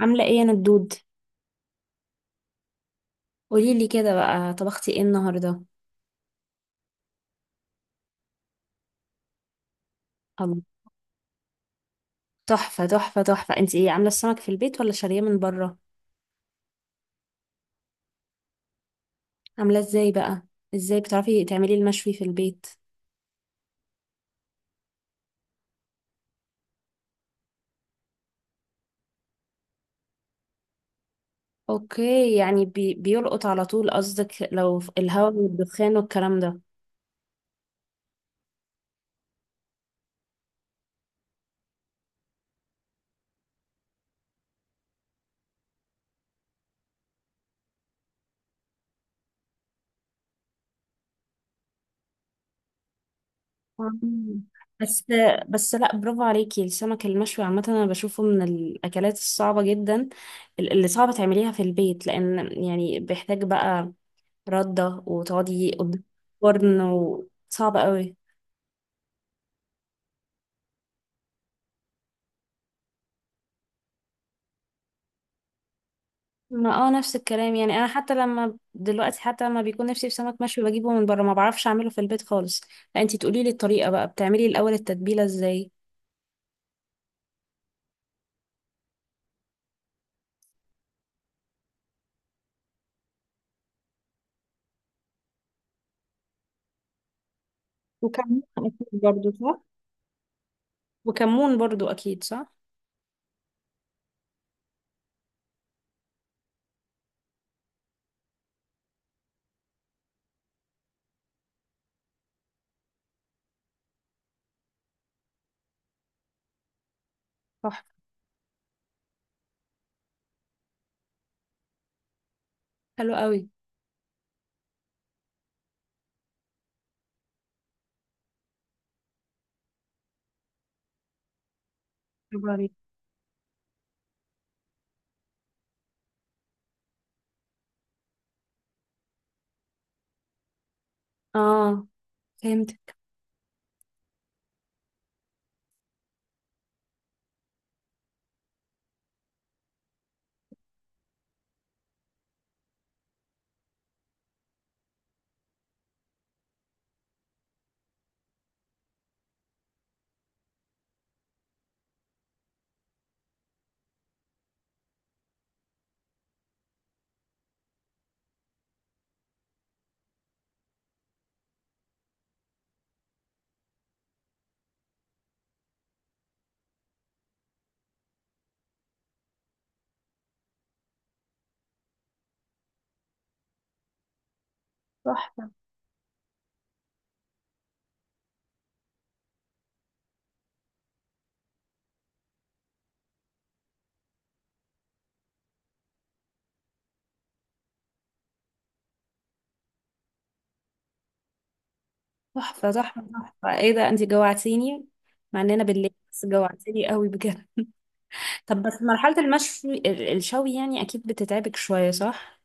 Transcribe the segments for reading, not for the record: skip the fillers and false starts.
عاملة ايه يا ندود؟ قوليلي كده بقى، طبختي ايه النهاردة؟ الله، تحفة تحفة تحفة. انت ايه، عاملة السمك في البيت ولا شارية من بره؟ عاملة ازاي بقى؟ ازاي بتعرفي تعملي المشوي في البيت؟ اوكي، يعني بيلقط على طول، قصدك لو في الهواء والدخان والكلام ده. مم. بس بس لا، برافو عليكي. السمك المشوي عامة انا بشوفه من الاكلات الصعبة جدا، اللي صعبة تعمليها في البيت، لان يعني بيحتاج بقى ردة، وتقعدي قدام الفرن، وصعب قوي. ما نفس الكلام، يعني انا حتى لما دلوقتي، حتى لما بيكون نفسي في سمك مشوي، بجيبه من بره، ما بعرفش اعمله في البيت خالص. فانتي تقولي لي الطريقة بقى، بتعملي الاول التتبيلة ازاي؟ وكمون اكيد برضو صح؟ وكمون برضو اكيد صح صح. حلو قوي. برافو عليكي. اه، فهمت. تحفة تحفة تحفة تحفة، ايه ده، انتي جوعتيني، مع اننا بالليل بس، جوعتيني قوي بجد. طب بس مرحلة المشوي، الشوي يعني، اكيد بتتعبك شوية صح؟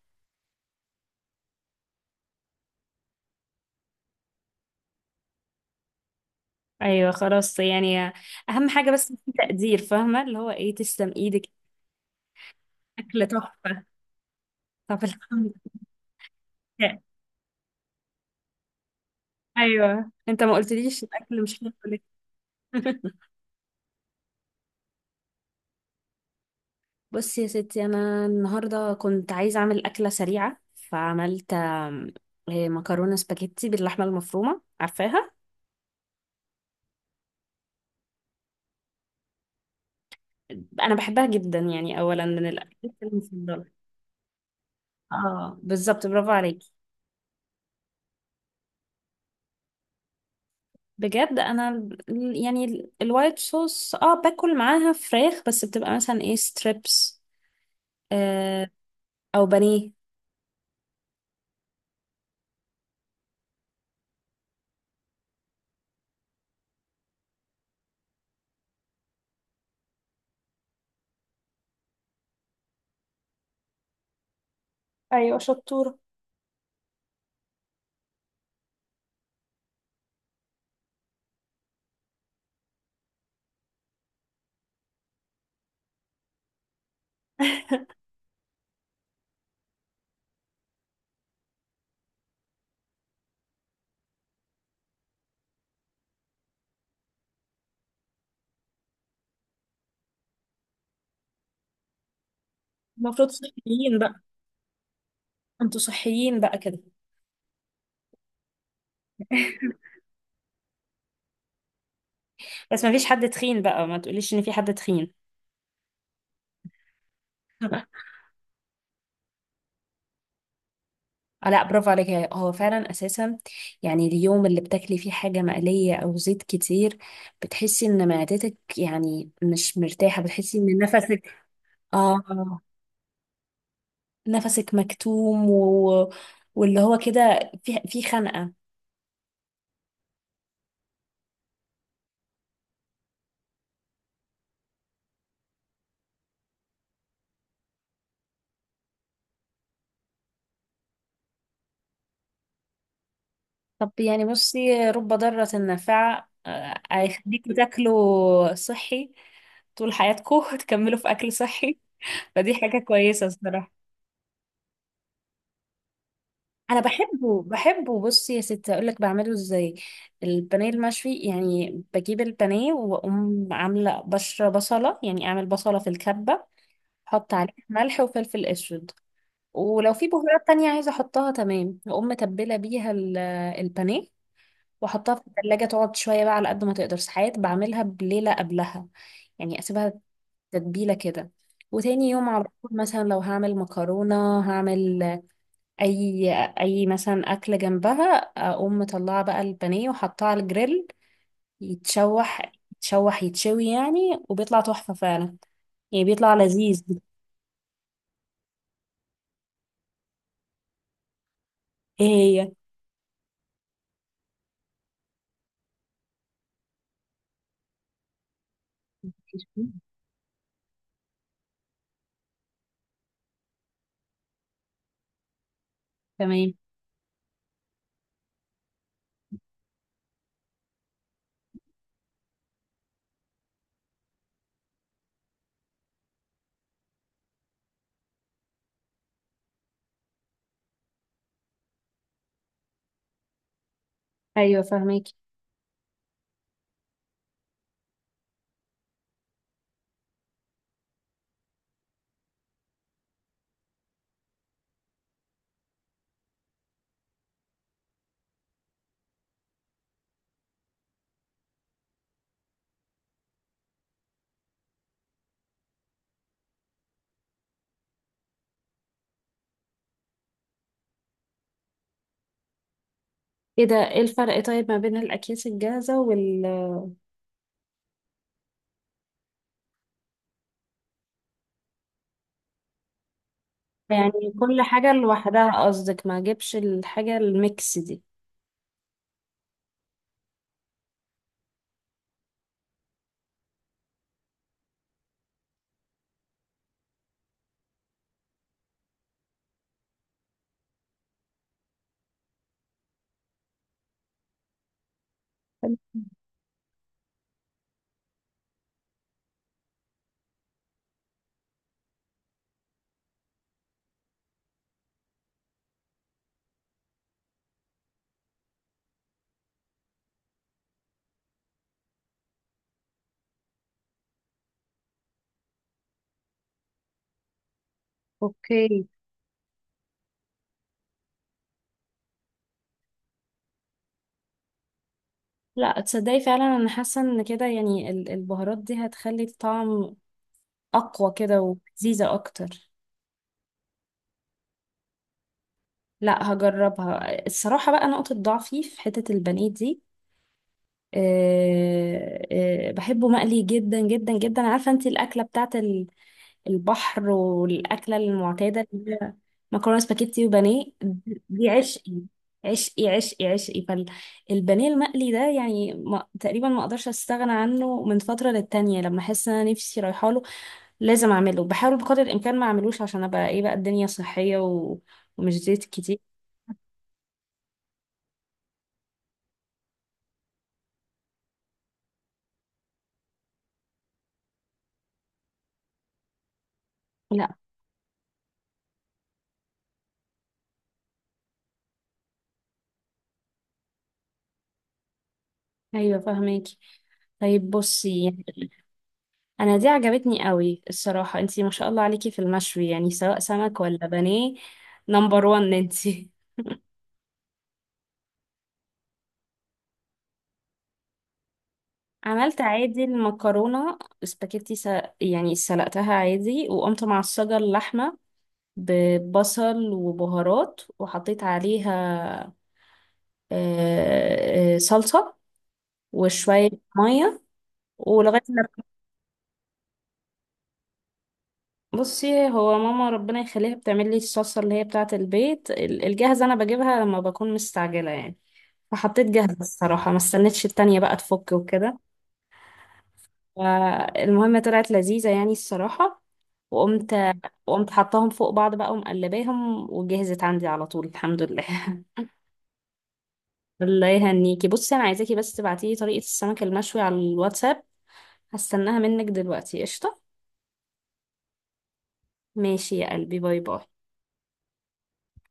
ايوه خلاص يعني، اهم حاجه بس في تقدير، فاهمه اللي هو ايه، تسلم ايدك. اكل تحفه. طب الحمد لله. ايوه، انت ما قلتليش الاكل مش حلو ليه. بصي يا ستي، انا النهارده كنت عايزه اعمل اكله سريعه، فعملت مكرونه سباجيتي باللحمه المفرومه، عارفاها؟ انا بحبها جدا، يعني اولا من الاكلات المفضله. اه بالظبط، برافو عليك. بجد انا الوايت صوص، اه، باكل معاها فراخ، بس بتبقى مثلا ايه، ستريبس، آه، او بانيه. ايوه شطورة. المفروض صحيين بقى؟ انتوا صحيين بقى كده؟ بس ما فيش حد تخين بقى، ما تقوليش ان في حد تخين. آه لا، برافو عليك، هو فعلا اساسا، يعني اليوم اللي بتاكلي فيه حاجه مقليه او زيت كتير، بتحسي ان معدتك يعني مش مرتاحه، بتحسي ان نفسك، اه، نفسك مكتوم، واللي هو كده، في خنقة. طب يعني بصي، رب ضارة نافعة، آه، هيخليكوا تاكلوا صحي طول حياتكم. تكملوا في أكل صحي، فدي حاجة كويسة الصراحة. أنا بحبه، بحبه. بصي يا ستي، أقول لك بعمله إزاي. البانيه المشوي يعني بجيب البانيه، وأقوم عاملة بشرة بصلة، يعني أعمل بصلة في الكبة، أحط عليها ملح وفلفل أسود، ولو في بهارات تانية عايزة احطها تمام، هقوم متبلة بيها البانيه، واحطها في التلاجة تقعد شوية بقى، على قد ما تقدر ساعات، بعملها بليلة قبلها، يعني اسيبها تتبيلة كده. وتاني يوم على طول، مثلا لو هعمل مكرونة، هعمل اي اي مثلا اكل جنبها، اقوم مطلعة بقى البانيه وحطها على الجريل، يتشوح يتشوح يتشوي يعني، وبيطلع تحفة فعلا، يعني بيطلع لذيذ. ايه، هي تمام. ايوه فاهمك. ايه ده، ايه الفرق طيب ما بين الاكياس الجاهزة وال، يعني كل حاجة لوحدها قصدك، ما اجيبش الحاجة الميكس دي؟ اوكي. لا تصدقي، فعلا انا حاسة ان كده يعني، البهارات دي هتخلي الطعم اقوى كده، ولذيذة اكتر. لا، هجربها الصراحة بقى، نقطة ضعفي في حتة البانيه دي. أه، أه، بحبه مقلي جدا جدا جدا. عارفة انت الاكلة بتاعت البحر، والأكلة المعتادة اللي هي مكرونة سباكيتي وبانيه، دي عشقي عشقي. فالبانيه المقلي ده يعني، ما تقريبا ما اقدرش استغنى عنه، من فترة للتانية لما احس ان انا نفسي رايحه له، لازم اعمله. بحاول بقدر الامكان ما اعملوش، عشان ابقى ايه بقى، الدنيا صحية، ومش زيت كتير. لا. ايوه فاهماكي. طيب بصي، انا دي عجبتني قوي الصراحة، انتي ما شاء الله عليكي في المشوي، يعني سواء سمك ولا بانيه، نمبر وان انتي. عملت عادي المكرونة سباكيتي يعني سلقتها عادي، وقمت معصجة اللحمة ببصل وبهارات، وحطيت عليها صلصة وشوية مية، ولغاية ما، بصي هو ماما ربنا يخليها بتعمل لي الصلصة اللي هي بتاعة البيت، الجاهزة أنا بجيبها لما بكون مستعجلة يعني، فحطيت جاهزة الصراحة، ما استنيتش التانية بقى تفك وكده. المهم طلعت لذيذة يعني الصراحة، وقمت مم. وقمت حطاهم فوق بعض بقى، ومقلباهم، وجهزت عندي على طول الحمد لله. الله يهنيكي. بصي انا عايزاكي بس، تبعتيلي طريقة السمك المشوي على الواتساب، هستناها منك دلوقتي قشطة. ماشي يا قلبي، باي باي.